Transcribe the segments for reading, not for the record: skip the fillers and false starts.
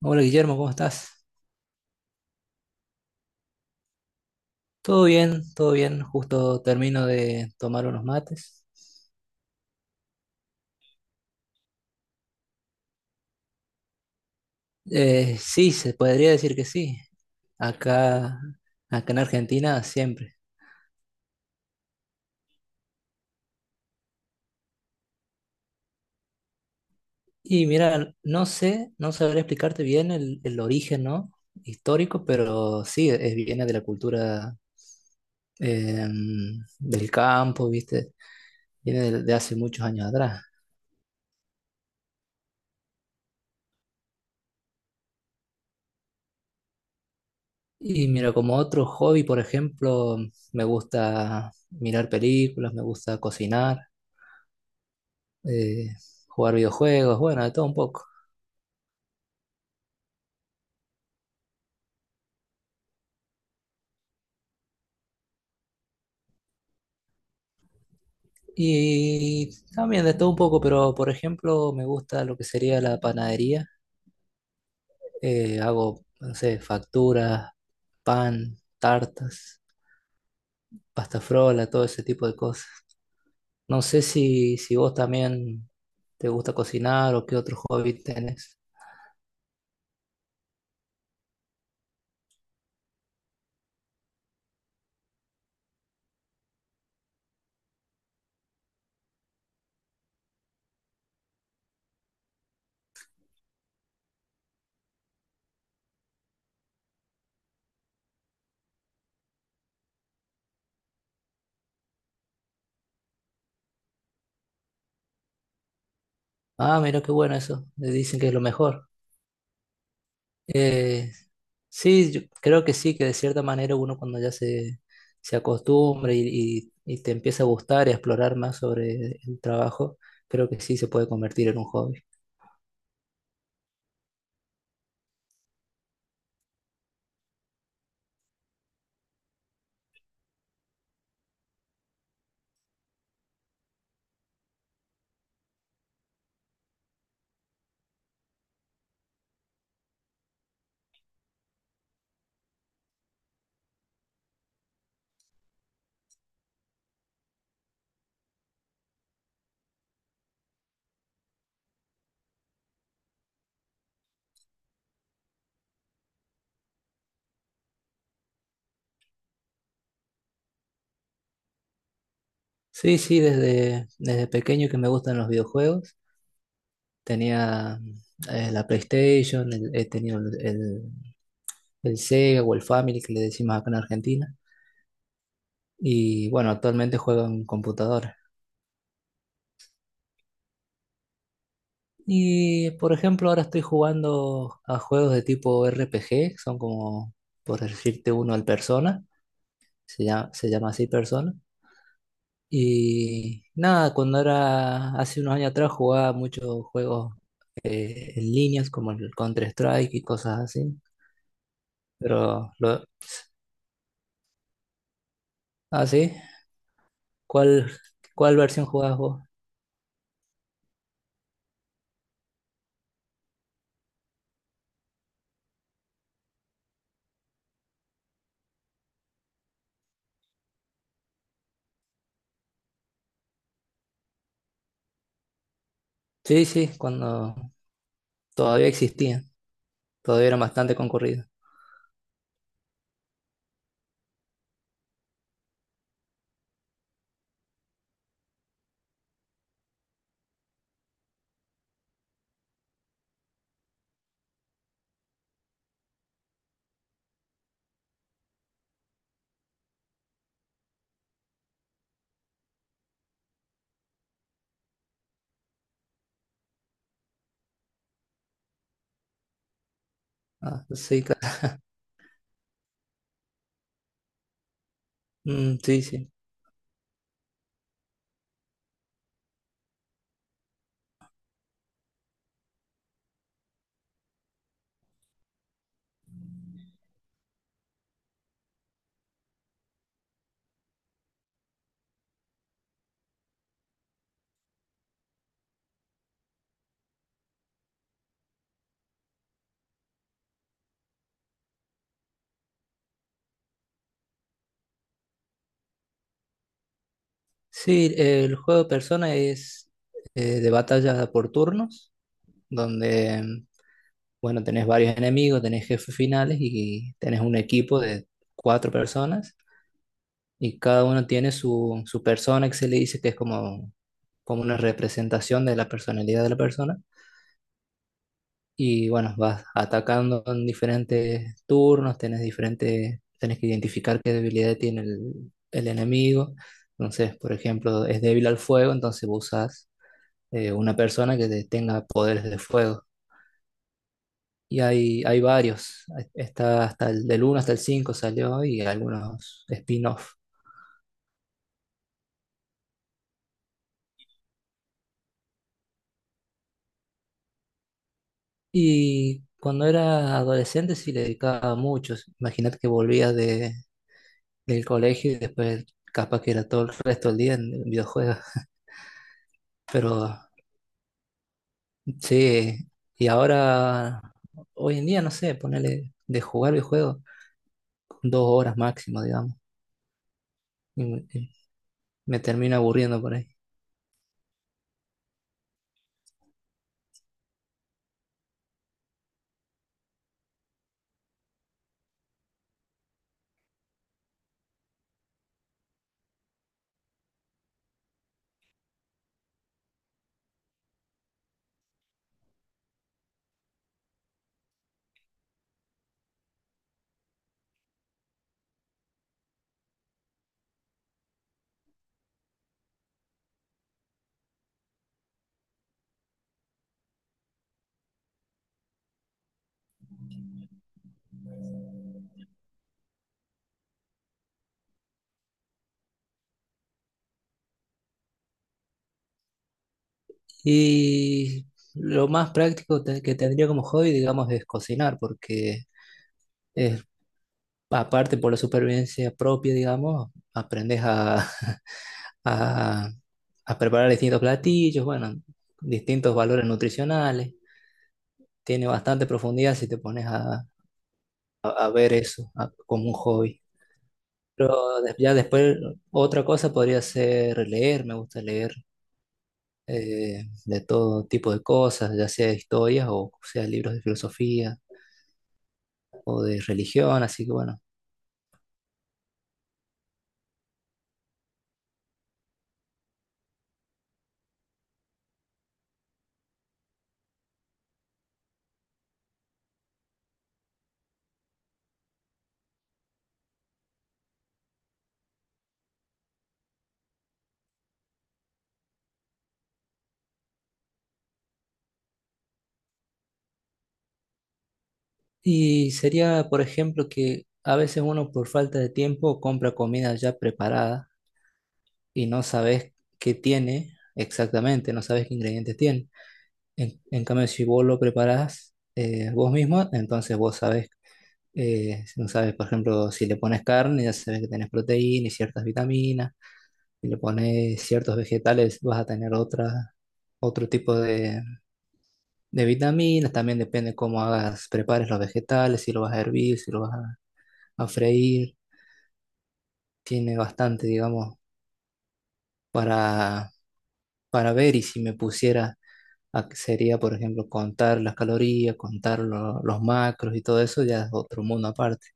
Hola Guillermo, ¿cómo estás? Todo bien, todo bien. Justo termino de tomar unos mates. Sí, se podría decir que sí. Acá, acá en Argentina siempre. Y mira, no sé, no sabré explicarte bien el origen, ¿no? Histórico, pero sí, es, viene de la cultura eh, del campo, ¿viste? Viene de hace muchos años atrás. Y mira, como otro hobby, por ejemplo, me gusta mirar películas, me gusta cocinar. eh, Jugar videojuegos, bueno, de todo un poco. Y también de todo un poco, pero por ejemplo me gusta lo que sería la panadería. Hago, no sé, facturas, pan, tartas, pasta frola, todo ese tipo de cosas. No sé si vos también te gusta cocinar o qué otro hobby tenés. Ah, mira qué bueno eso. Dicen que es lo mejor. Eh, sí, yo creo que sí, que de cierta manera uno cuando se acostumbra y te empieza a gustar y a explorar más sobre el trabajo, creo que sí se puede convertir en un hobby. Sí, sí, desde pequeño que me gustan los videojuegos. Tenía la PlayStation, he tenido el Sega o el Family que le decimos acá en Argentina. Y bueno, actualmente juego en computadora. Y por ejemplo, ahora estoy jugando a juegos de tipo RPG, que son como, por decirte uno, al Persona, se llama así Persona. Y nada, cuando era hace unos años atrás jugaba muchos juegos en líneas como el Counter-Strike y cosas así. Pero, lo, ah, sí, ¿cuál, cuál versión jugabas vos? Sí, sí, cuando todavía existían, todavía eran bastante concurridos. Ah, sí, claro. Mm, sí, sí. Sí, el juego de Persona es de batalla por turnos, donde, bueno, tenés varios enemigos, tenés jefes finales y tenés un equipo de cuatro personas y cada uno tiene su persona que se le dice que es como, como una representación de la personalidad de la persona. Y bueno, vas atacando en diferentes turnos, tenés diferentes, tenés que identificar qué debilidad tiene el enemigo. Entonces, por ejemplo, es débil al fuego, entonces vos usás una persona que tenga poderes de fuego. Y hay varios. Está hasta el del uno hasta el 5 salió y algunos spin-off. Y cuando era adolescente sí le dedicaba mucho. Imagínate que volvía del colegio y después capaz que era todo el resto del día en videojuegos. Pero sí, y ahora, hoy en día, no sé, ponerle de jugar videojuegos dos horas máximo, digamos. Y me termino aburriendo por ahí. Y lo más práctico que tendría como hobby, digamos, es cocinar, porque es, aparte por la supervivencia propia, digamos, aprendes a, a- a preparar distintos platillos, bueno, distintos valores nutricionales. Tiene bastante profundidad si te pones a, a ver eso como un hobby. Pero ya después, otra cosa podría ser leer, me gusta leer de todo tipo de cosas, ya sea historias o sea libros de filosofía o de religión, así que bueno. Y sería, por ejemplo, que a veces uno por falta de tiempo compra comida ya preparada y no sabes qué tiene exactamente, no sabes qué ingredientes tiene. En cambio, si vos lo preparás vos mismo, entonces vos sabes si no sabes, por ejemplo, si le pones carne, ya sabes que tenés proteína y ciertas vitaminas, si le pones ciertos vegetales, vas a tener otra, otro tipo de vitaminas, también depende cómo hagas, prepares los vegetales, si lo vas a hervir, si lo vas a freír. Tiene bastante, digamos, para, para ver y si me pusiera, sería, por ejemplo, contar las calorías, contar los macros y todo eso, ya es otro mundo aparte.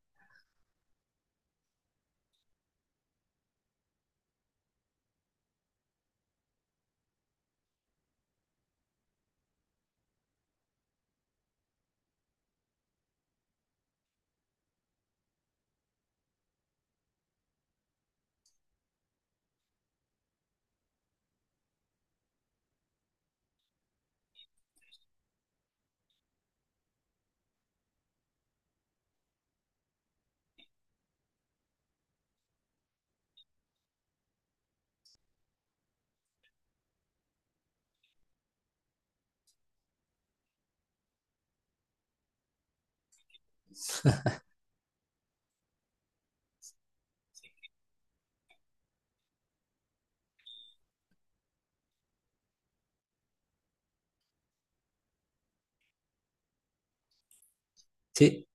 Sí,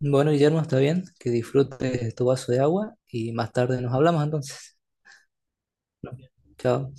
bueno, Guillermo, está bien, que disfrutes tu vaso de agua y más tarde nos hablamos entonces. Chao.